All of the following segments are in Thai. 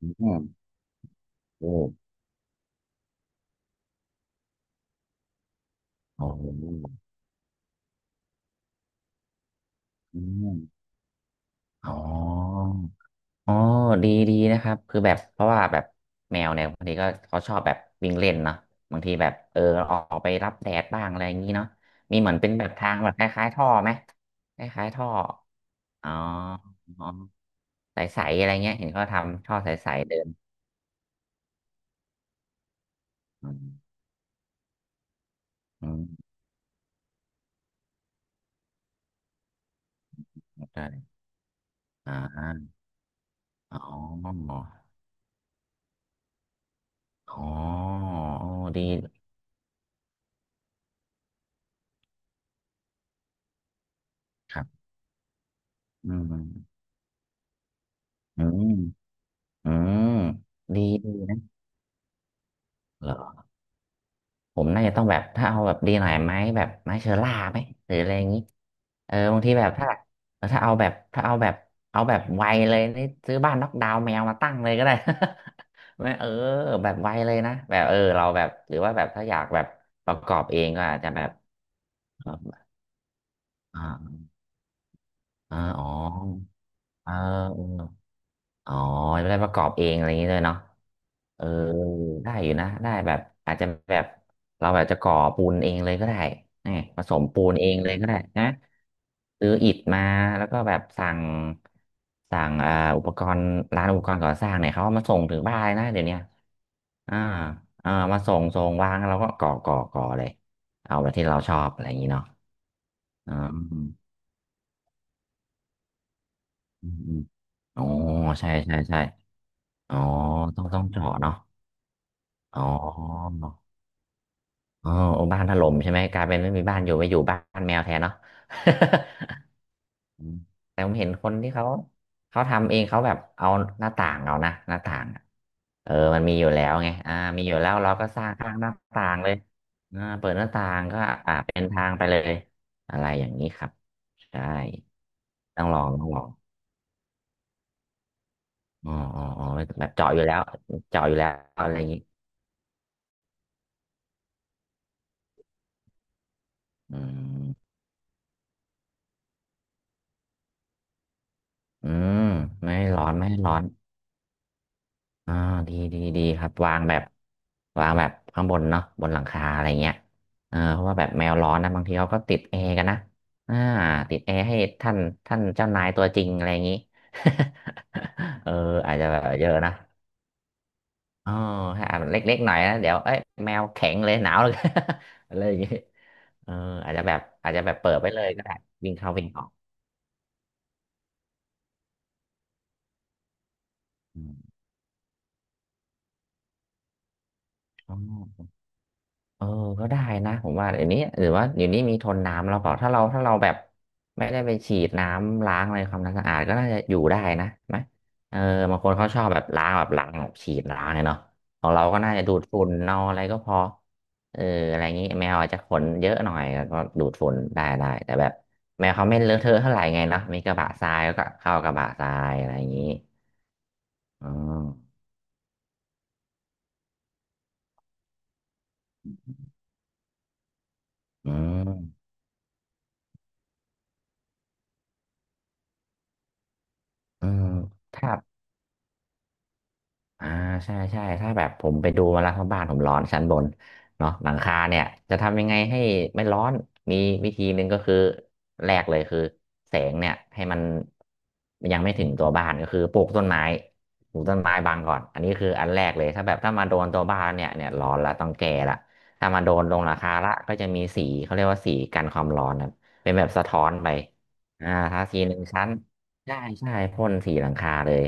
อืมโอ้โอ้โหอืมอ๋ออ๋อดีดีนะครับคือแบบเพราะว่าแบบแมวเนี่ยบางทีก็เขาชอบแบบวิ่งเล่นเนาะบางทีแบบออกไปรับแดดบ้างอะไรอย่างนี้เนาะมีเหมือนเป็นแบบทางแบบคล้ายๆท่อไหมคล้ายๆท่ออ๋ออ๋อใสๆอะไรเงี้ยเห็นเขาทำท่อใสๆเดินอืมอืมได้อ่าอ๋ออ๋ออ๋อดีครับอืมอืม อืมดีดีนะเหรอผมน่าจะต้องแบบถ้าเอาแบบดีหน่อยไหมแบบไม้เชอร่าไหมหรืออะไรอย่างนี้บางทีแบบถ้าถ้าเอาแบบเอาแบบไวเลยนี่ซื้อบ้านน็อกดาวน์แมวมาตั้งเลยก็ได้ ไม่เออแบบไวเลยนะแบบเราแบบหรือว่าแบบถ้าอยากแบบประกอบเองก็อาจจะแบบอ่าอ่าอ๋อเออ อ๋อไม่ได้ประกอบเองอะไรอย่างนี้เลยเนาะเออได้อยู่นะได้แบบอาจจะแบบเราแบบจะก่อปูนเองเลยก็ได้นี่ผสมปูนเองเลยก็ได้นะซื้ออิฐมาแล้วก็แบบสั่งอุปกรณ์ร้านอุปกรณ์ก่อสร้างเนี่ยเขาเอามาส่งถึงบ้านเลยนะเดี๋ยวเนี้ยอ่าอ่ามาส่งวางแล้วเราก็ก่อเลยเอาแบบที่เราชอบอะไรอย่างนี้เนาะอ่ามอืมอ๋อใช่ใช่ใช่อ๋อต้องเจาะเนาะอ๋อ อ๋อโอ้บ้านถล่มใช่ไหมกลายเป็นไม่มีบ้านอยู่ไปอยู่บ้านแมวแทนเนาะ อืมแต่ผมเห็นคนที่เขาทำเองเขาแบบเอาหน้าต่างเอานะหน้าต่างอะมันมีอยู่แล้วไงอ่ามีอยู่แล้วเราก็สร้างข้างหน้าต่างเลยอ่าเปิดหน้าต่างก็อ่าเป็นทางไปเลยอะไรอย่างนี้ครับใช่ต้องลองอ๋อแบบเจาะอยู่แล้วเจาะอยู่แล้วอะไรอย่างนี้อืมอืมไม่ให้ร้อนไม่ให้ร้อน อ่าดีดีดีครับวางแบบวางแบบข้างบนเนาะบนหลังคาอะไรเงี้ยเพราะว่าแบบแมวร้อนนะบางทีเขาก็ติดแอร์กันนะอ่าติดแอร์ให้ท่านท่านเจ้านายตัวจริงอะไรอย่างนี้ เอออาจจะแบบเยอะนะอ๋อถ้าอาจเล็กๆหน่อยนะเดี๋ยวเอ้ยแมวแข็งเลยหนาวเลย อะไรอย่างนี้เอออาจจะแบบเปิดไปเลยก็ได้วิ่งเข้าวิ่งออกอมอ๋อ เออก็ได้นะผมว่าเดี๋ยวนี้หรือว่าเดี๋ยวนี้มีทนน้ำแล้วเปล่าถ้าเราแบบไม่ได้ไปฉีดน้ำล้างอะไรความสะอาดก็น่าจะอยู่ได้นะไหมเออบางคนเขาชอบแบบล้างแบบล้างแบบฉีดล้างเนี่ยเนาะของเราก็น่าจะดูดฝุ่นเอาอะไรก็พอเอออะไรงี้แมวอาจจะขนเยอะหน่อยก็ดูดฝุ่นได้แต่แบบแมวเขาไม่เลอะเทอะเท่าไหร่ไงเนาะมีกระบะทรายก็เข้ากระบะทรายอะไรอย่างนี้อ๋ออืมอืมถ้า อ่าใช่ใช่ถ้าแบบผมไปดูมาแล้วทัรงบ้านผมร้อนชั้นบนเนาะหลังคาเนี่ยจะทำยังไงให้ไม่ร้อนมีวิธีหนึ่งก็คือแรกเลยคือแสงเนี่ยให้มันยังไม่ถึงตัวบ้านก็คือปลูกต้นไม้ปลูกต้นไม้บังก่อนอันนี้คืออันแรกเลยถ้าแบบถ้ามาโดนตัวบ้านเนี่ยร้อนละต้องแก่ละถ้ามาโดนลงหลังคาละก็จะมีสีเขาเรียกว่าสีกันความร้อนนะเป็นแบบสะท้อนไปอ่าทาสีหนึ่งชั้น ใช่ใช่พ่นสีหลังคาเลย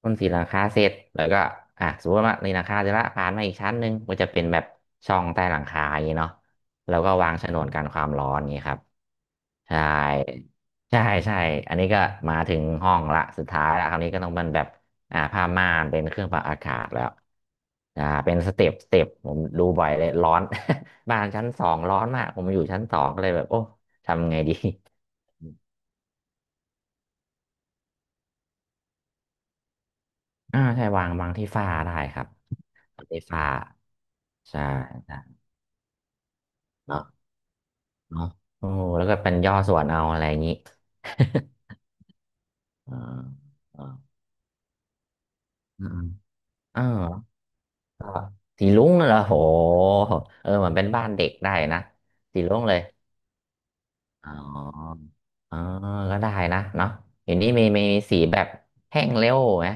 พ่นสีหลังคาเสร็จแล้วก็อ่ะสมมติว่าในหลังคาเสร็จละผ่านมาอีกชั้นหนึ่งมันจะเป็นแบบช่องใต้หลังคาอย่างนี้เนาะแล้วก็วางฉนวนกันความร้อนอย่างนี้ครับใช่ใช่ใช่อันนี้ก็มาถึงห้องละสุดท้ายละคราวนี้ก็ต้องเป็นแบบอ่าผ้าม่านเป็นเครื่องปรับอากาศแล้วอ่าเป็นสเต็ปผมดูบ่อยเลยร้อน บ้านชั้นสองร้อนมากผมอยู่ชั้นสองก็เลยแบบโอ้ทำไงดีอ่าใช่วางที่ฝ้าได้ครับ ไฟฟ้าใช่ใช่เนาะเนาะโอ้โหแล้วก็เป็นย่อส่วนเอาอะไรอย่างนี้ อ่าอ่าอืมๆเอ่าก็สีลุ้งน่ะเหรอโหเหมือนเป็นบ้านเด็กได้นะสีลุ้งเลยอ๋ออ๋อก็ได้นะเนาะเห็นที่มีสีแบบแห้งเร็วไหม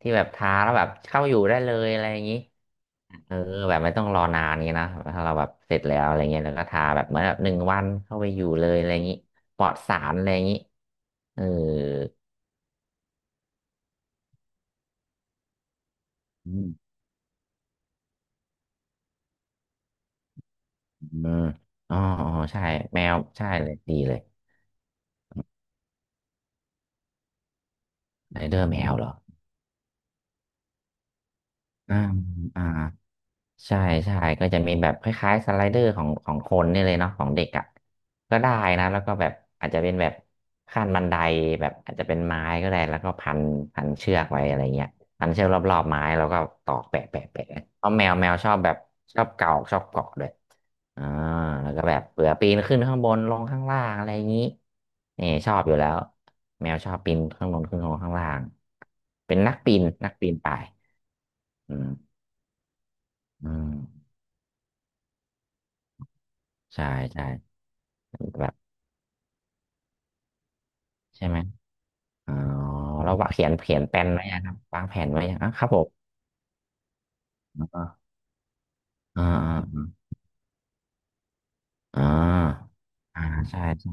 ที่แบบทาแล้วแบบเข้าอยู่ได้เลยอะไรอย่างนี้ เออแบบไม่ต้องรอนานนี้นะถ้าเราแบบเสร็จแล้วอะไรเงี้ยแล้วก็ทาแบบเหมือนแบบหนึ่งวันเข้าไปอยู่เลยอะไรอย่างนี้ปลอดสารอะไรอย่างนี้เอออืมอมอ๋ออ๋อใช่แมวใช่เลยดีเลยไรเดอร์แมวเหรออ่าอ่า ใช่ใช่ก็จะมีแบบคล้ายๆสไลเดอร์ของของคนนี่เลยเนาะของเด็กอ่ะก็ได้นะแล้วก็แบบอาจจะเป็นแบบขั้นบันไดแบบอาจจะเป็นไม้ก็ได้แล้วก็พันเชือกไว้อะไรเงี้ยพันเชือกรอบๆไม้แล้วก็ตอกแปะแปะแปะเพราะแมวชอบแบบชอบเกาะชอบเกาะด้วยอ่าแล้วก็แบบเผื่อปีนขึ้นข้างบนลงข้างล่างอะไรอย่างนี้นี่ชอบอยู่แล้วแมวชอบปีนข้างบนขึ้นลงข้างล่างเป็นนักปีนนักปีนป่ายอืมอืมใช่ใช่ แบบใช่ไหมอ๋อเราวางเขียนแผนไว้ยังครับวางแผนไว้ยังอ่ะครับผมอ่าอ่าอ่าอ่าใช่ใช่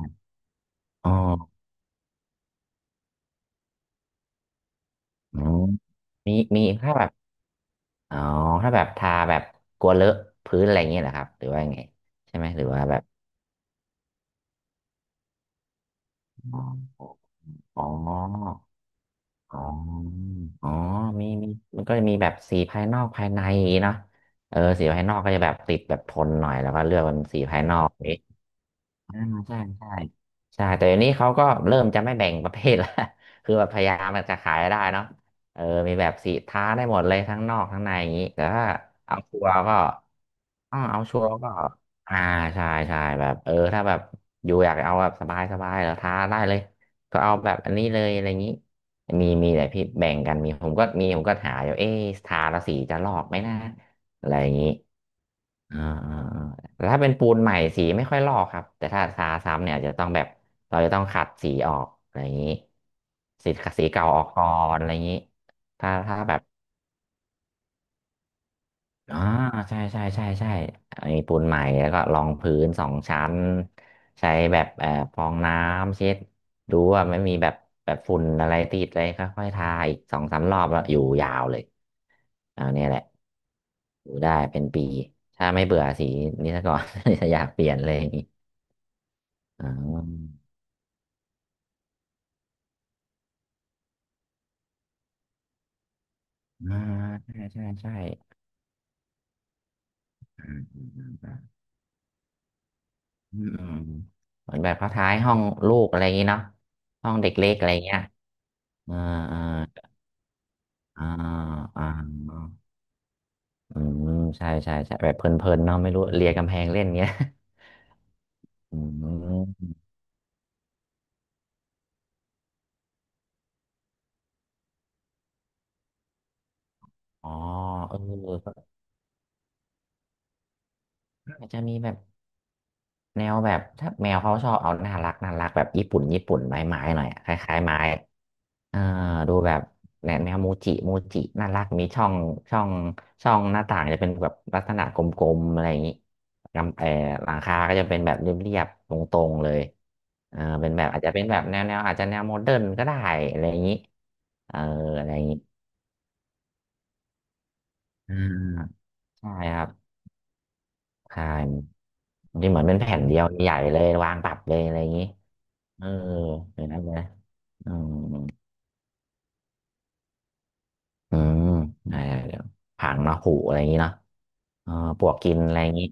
อ๋ออ๋อมีมีถ้าแบบอ๋อถ้าแบบทาแบบกลัวเลอะพื้นอะไรอย่างเงี้ยเหรอครับ หรือว่ายังไงใช่ไหมหรือว่าแบบอ๋ออ๋ออ๋ออ๋อ มีมีมันก็จะมีแบบสีภายนอกภายในอย่างงี้เนาะเออสีภายนอกก็จะแบบติดแบบทนหน่อย แล้วก็เลือกเป็นสีภายนอก อ่าใช่ใช่ใช่แต่เดี๋ยวนี้เขาก็เริ่มจะไม่แบ่งประเภทละ คือแบบพยายามมันจะขายได้เนาะเออมีแบบสีท้าได้หมดเลยทั้งนอกทั้งในอย่างนี้แต่ถ้าเอาชัวร์ก็อ้าวเอาชัวร์ก็อ่าใช่ใช่แบบเออถ้าแบบอยู่อยากเอาแบบสบายสบายเหรอท้าได้เลยก็เอาแบบอันนี้เลยอะไรอย่างนี้มีมีแต่พี่แบ่งกันมีผมก็หาอยู่เอ๊ะทาละสีจะลอกไหมนะอะไรอย่างนี้ อ่าอ่าอ่าแต่ถ้าเป็นปูนใหม่สีไม่ค่อยลอกครับ แต่ถ้าทาซ้ำเนี่ยอาจจะต้องแบบ เราจะต้องขัดสีออกอะไรอย่างนี้สีสีเก่าออกก่อนอะไรอย่างนี้ ถ้าแบบ อ่าใช่ใช่มีปูนใหม่แล้วก็รองพื้นสองชั้นใช้แบบฟองน้ำเช็ดดูว่าไม่มีแบบแบบฝุ่นอะไรติดเลยค่อยๆทาอีกสองสามรอบแล้วอยู่ยาวเลยเอาเนี่ยแหละอยู่ได้เป็นปีถ้าไม่เบื่อสีนี้ซะก่อน จะอยากเปลี่ยนเลยอย่างนี้อ๋ออ่าใช่ใช่ใช่อืมอืมอืมอืมอืมเหมือนแบบเขาท้ายห้องลูกอะไรอย่างนี้เนาะห้องเด็กเล็กอะไรเงี้ยอ่าอ่า อ่าอ่าอืมใช่ใช่ใช่แบบเพลินๆเนาะไม่รู้เลียกำแพงเล่นเงี้ย อืมอ๋อเออก็อาจจะมีแบบแนวแบบถ้าแมวเขาชอบเอาน่ารักน่ารักแบบญี่ปุ่นญี่ปุ่นไม้ไม้หน่อยอะคล้ายๆไม้ เออดูแบบแนวโมูจิโมูจิน่ารักมีช่องช่องช่องหน้าต่างจะเป็นแบบลักษณะกลมๆอะไรอย่างนี้กำเออหลังคาก็จะเป็นแบบเรียบๆตรงๆเลยเออเป็นแบบอาจจะเป็นแบบแนวอาจจะแนวโมเดิร์นก็ได้อะไรอย่างนี้เอออะไรอย่างนี้อ่าใช่ครับใช่ที่เหมือนเป็นแผ่นเดียวใหญ่เลยวางปรับเลยอะไรอย่างนี้เอออย่างนั้นเลยนะอืมอืมใเดี๋ยวผังเนาะผูอะไรอย่างนี้เนาะ เออปลวกกินอะไรอย่างนี้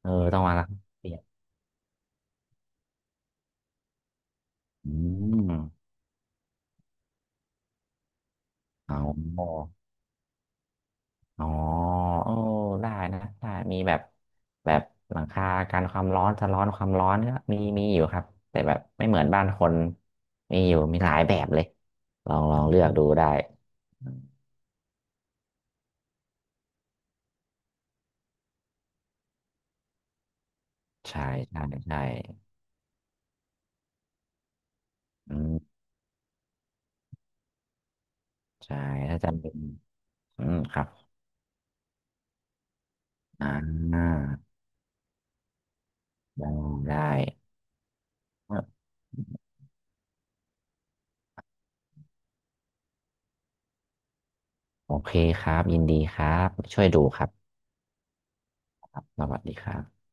เออต้องมาละเปลี่ยนอืมเอาอ๋อเออได้นะได้มีแบบแบบหลังคากันความร้อนสะร้อนความร้อนก็มีอยู่ครับแต่แบบไม่เหมือนบ้านคนมีอยู่มีหลายแบบเลยลองเลือกดูได้ใช่ใช่ใช่อืมใช่ถ้าจำเป็นอืมครับอ่าได้ได้โอเคครับยินดีครับช่วยดูครับสวัสดีครับ